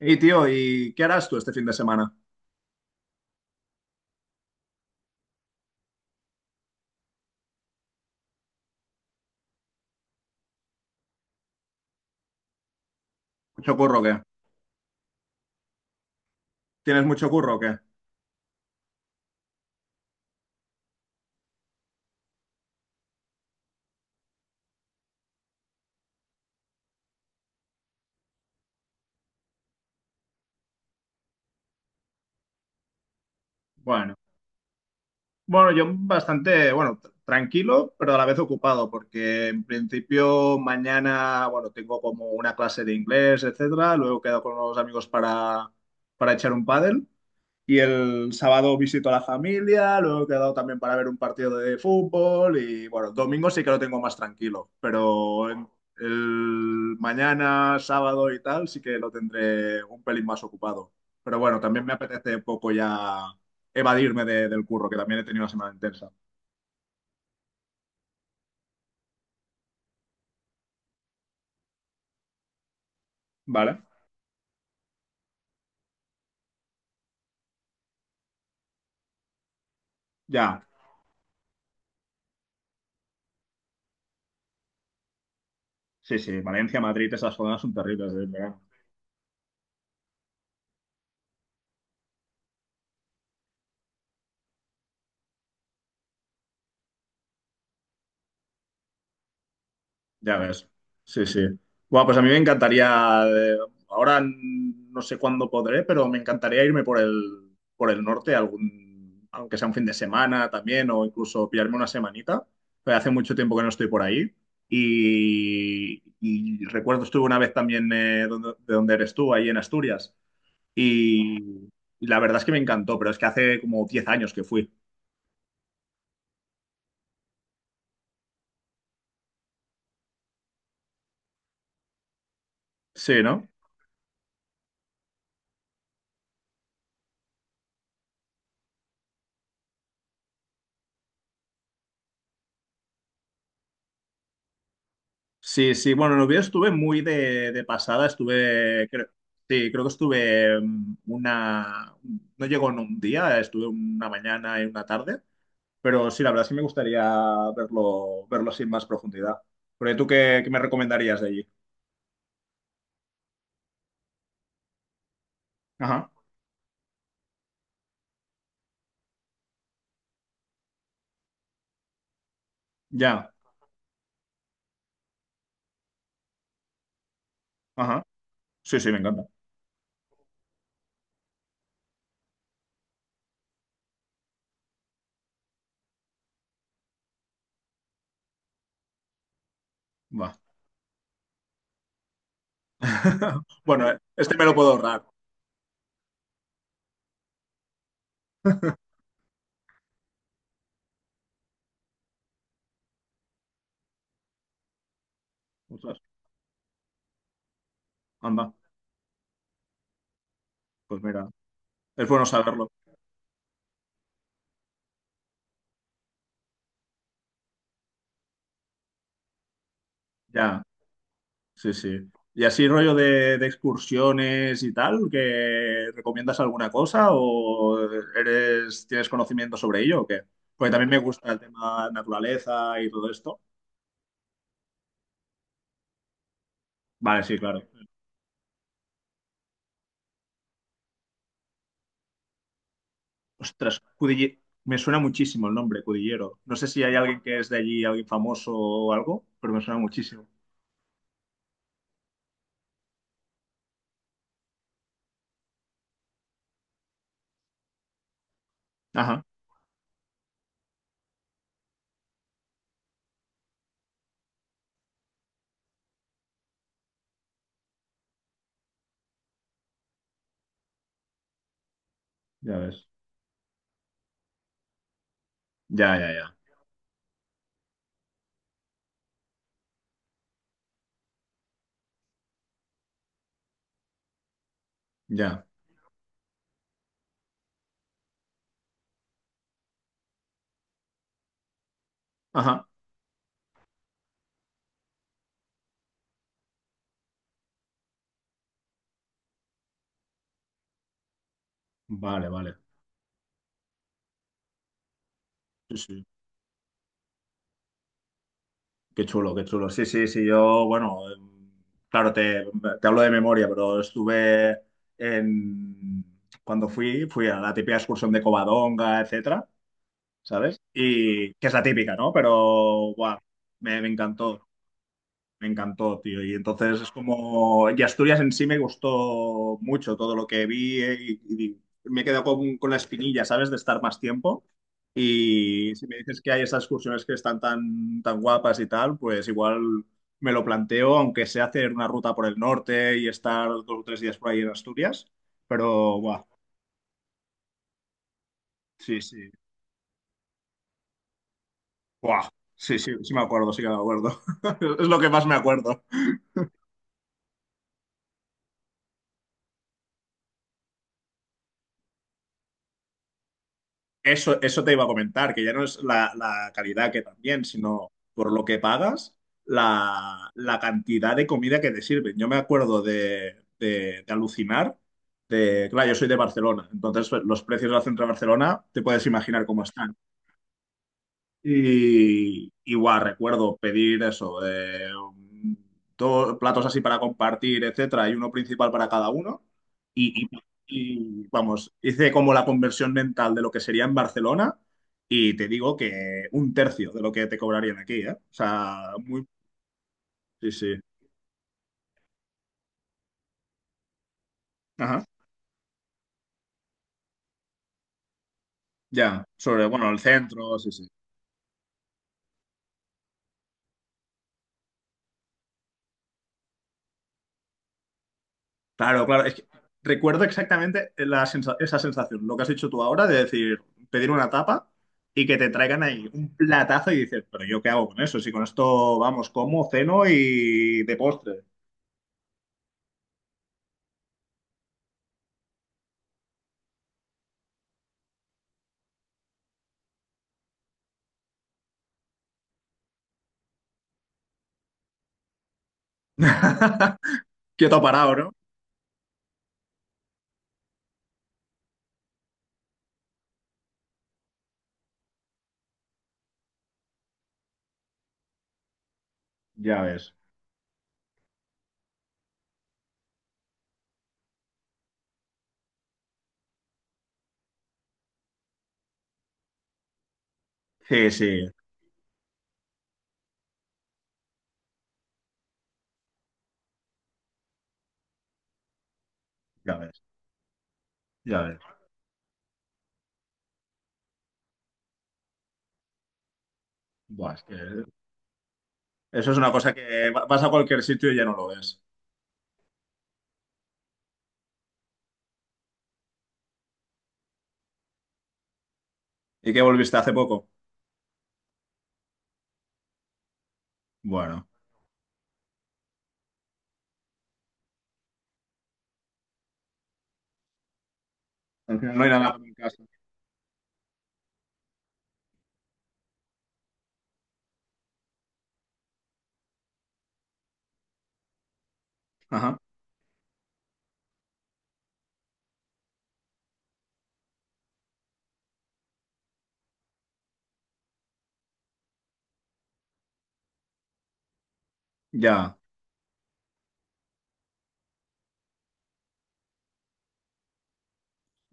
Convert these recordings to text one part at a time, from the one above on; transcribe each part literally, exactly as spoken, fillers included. Y tío, ¿y qué harás tú este fin de semana? ¿Mucho curro o qué? ¿Tienes mucho curro o qué? Bueno, bueno, yo bastante, bueno, tr- tranquilo, pero a la vez ocupado, porque en principio mañana, bueno, tengo como una clase de inglés, etcétera. Luego quedo con los amigos para, para echar un pádel. Y el sábado visito a la familia, luego he quedado también para ver un partido de fútbol y bueno, domingo sí que lo tengo más tranquilo, pero en- el mañana, sábado y tal sí que lo tendré un pelín más ocupado. Pero bueno, también me apetece un poco ya evadirme de- del curro, que también he tenido una semana intensa. ¿Vale? Ya. Sí, sí, Valencia, Madrid, esas zonas son terribles, ¿eh? Ya ves. Sí, sí. Bueno, pues a mí me encantaría, eh, ahora no sé cuándo podré, pero me encantaría irme por el, por el norte, algún, aunque sea un fin de semana también, o incluso pillarme una semanita. Pero hace mucho tiempo que no estoy por ahí. Y, y recuerdo, estuve una vez también eh, donde- de donde eres tú, ahí en Asturias. Y, y la verdad es que me encantó, pero es que hace como diez años que fui. Sí, ¿no? Sí, sí, bueno, en Oviedo estuve muy de, de pasada, estuve, creo, sí, creo que estuve mm, una, no llegó en un día, estuve una mañana y una tarde, pero sí, la verdad sí me gustaría verlo, verlo sin más profundidad. Porque tú, ¿qué, qué me recomendarías de allí? Ajá, ya, ajá, sí, sí, me encanta, va. Bueno, este me lo puedo ahorrar. Ostras, anda, pues mira, es bueno saberlo. Ya. Sí, sí. ¿Y así rollo de, de excursiones y tal? ¿Que recomiendas alguna cosa o eres, tienes conocimiento sobre ello o qué? Porque también me gusta el tema naturaleza y todo esto. Vale, sí, claro. Ostras, Cudille- me suena muchísimo el nombre, Cudillero. No sé si hay alguien que es de allí, alguien famoso o algo, pero me suena muchísimo. Ajá, ya ves. Ya, ya, ya. Ya. Ajá. Vale, vale. Sí, sí. Qué chulo, qué chulo. Sí, sí, sí, yo, bueno, em, claro, te, te hablo de memoria, pero estuve en... Cuando fui, fui a la típica excursión de Covadonga, etcétera, ¿sabes? Y que es la típica, ¿no? Pero, guau, me, me encantó. Me encantó, tío. Y entonces es como. Y Asturias en sí me gustó mucho todo lo que vi eh, y, y me he quedado con, con la espinilla, ¿sabes? De estar más tiempo. Y si me dices que hay esas excursiones que están tan, tan guapas y tal, pues igual me lo planteo, aunque sea hacer una ruta por el norte y estar dos o tres días por ahí en Asturias. Pero, buah, sí, sí. Buah, sí, sí, sí me acuerdo, sí que me acuerdo. Es lo que más me acuerdo. Eso, eso te iba a comentar, que ya no es la, la calidad que también, sino por lo que pagas, la, la cantidad de comida que te sirven. Yo me acuerdo de, de- de alucinar, de, claro, yo soy de Barcelona, entonces pues, los precios del centro de Barcelona, te puedes imaginar cómo están. Y igual recuerdo pedir eso, eh, dos platos así para compartir, etcétera, y uno principal para cada uno. Y, y- y, vamos, hice como la conversión mental de lo que sería en Barcelona y te digo que un tercio de lo que te cobrarían aquí, ¿eh? O sea, muy... Sí, sí. Ajá. Ya, sobre, bueno, el centro, sí, sí. Claro, claro. Es que recuerdo exactamente la sensa- esa sensación, lo que has hecho tú ahora, de decir, pedir una tapa y que te traigan ahí un platazo y dices, pero ¿yo qué hago con eso? Si con esto, vamos, como, ceno y de postre. Quieto parado, ¿no? Ya ves. Sí, sí, ya ves, ya ves. Buah, es que eso es una cosa que va- vas a cualquier sitio y ya no lo ves. ¿Y qué volviste hace poco? Bueno, al final no hay nada en casa. Ajá, ya.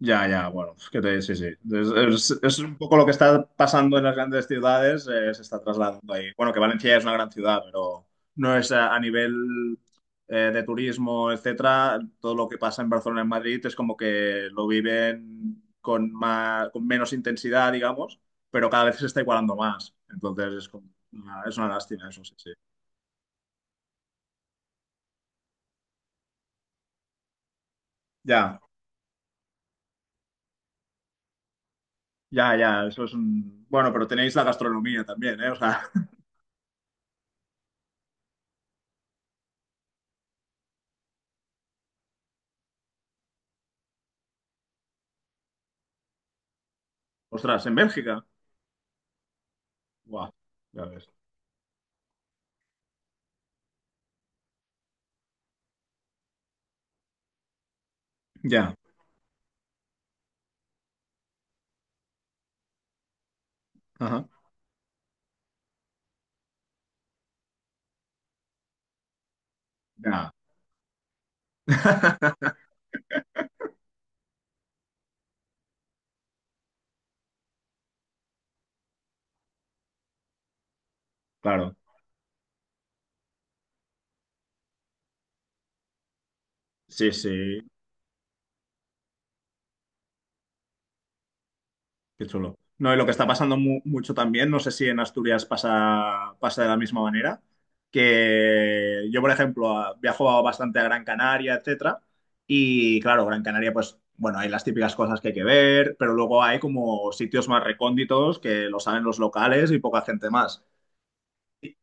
Ya, ya, bueno, es que te- sí, sí. Es, es- es un poco lo que está pasando en las grandes ciudades, eh, se está trasladando ahí. Bueno, que Valencia es una gran ciudad, pero no es a, a nivel eh, de turismo, etcétera. Todo lo que pasa en Barcelona, en Madrid, es como que lo viven con más, con menos intensidad, digamos, pero cada vez se está igualando más. Entonces es como una- es una lástima, eso sí, sí. Ya, ya, ya, eso es un... Bueno, pero tenéis la gastronomía también, ¿eh? O sea, ostras, en Bélgica. Guau, ya ves. Ya, ajá, ya. Claro, sí, sí, qué chulo. No, y lo que está pasando mu- mucho también, no sé si en Asturias pasa, pasa de la misma manera, que yo, por ejemplo, a- viajo bastante a Gran Canaria, etcétera, y claro, Gran Canaria, pues, bueno, hay las típicas cosas que hay que ver, pero luego hay como sitios más recónditos que lo saben los locales y poca gente más.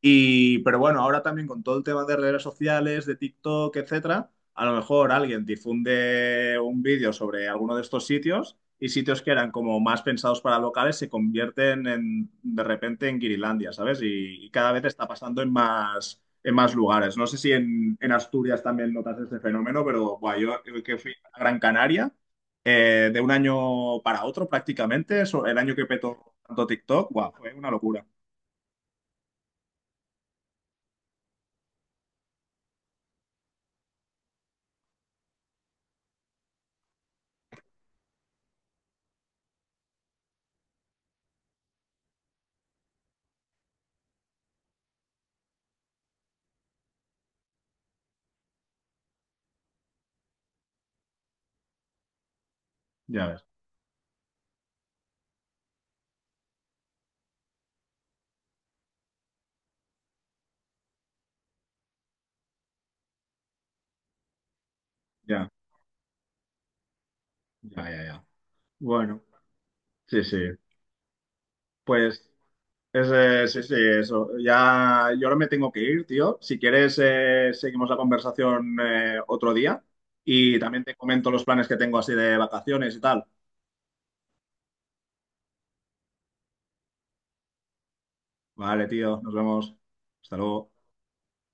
Y, pero bueno, ahora también con todo el tema de redes sociales, de TikTok, etcétera, a lo mejor alguien difunde un vídeo sobre alguno de estos sitios y sitios que eran como más pensados para locales se convierten en, de repente en Guirilandia, ¿sabes? Y, y cada vez está pasando en más, en más lugares. No sé si en, en Asturias también notas este fenómeno, pero buah, yo que fui a Gran Canaria, eh, de un año para otro prácticamente, eso, el año que petó tanto TikTok, buah, fue una locura. Ya ves, ya. Ya, ya, ya. Bueno, sí, sí. Pues ese, sí, sí, eso. Ya, yo ahora me tengo que ir, tío. Si quieres, eh, seguimos la conversación eh, otro día y también te comento los planes que tengo así de vacaciones y tal. Vale, tío, nos vemos. Hasta luego.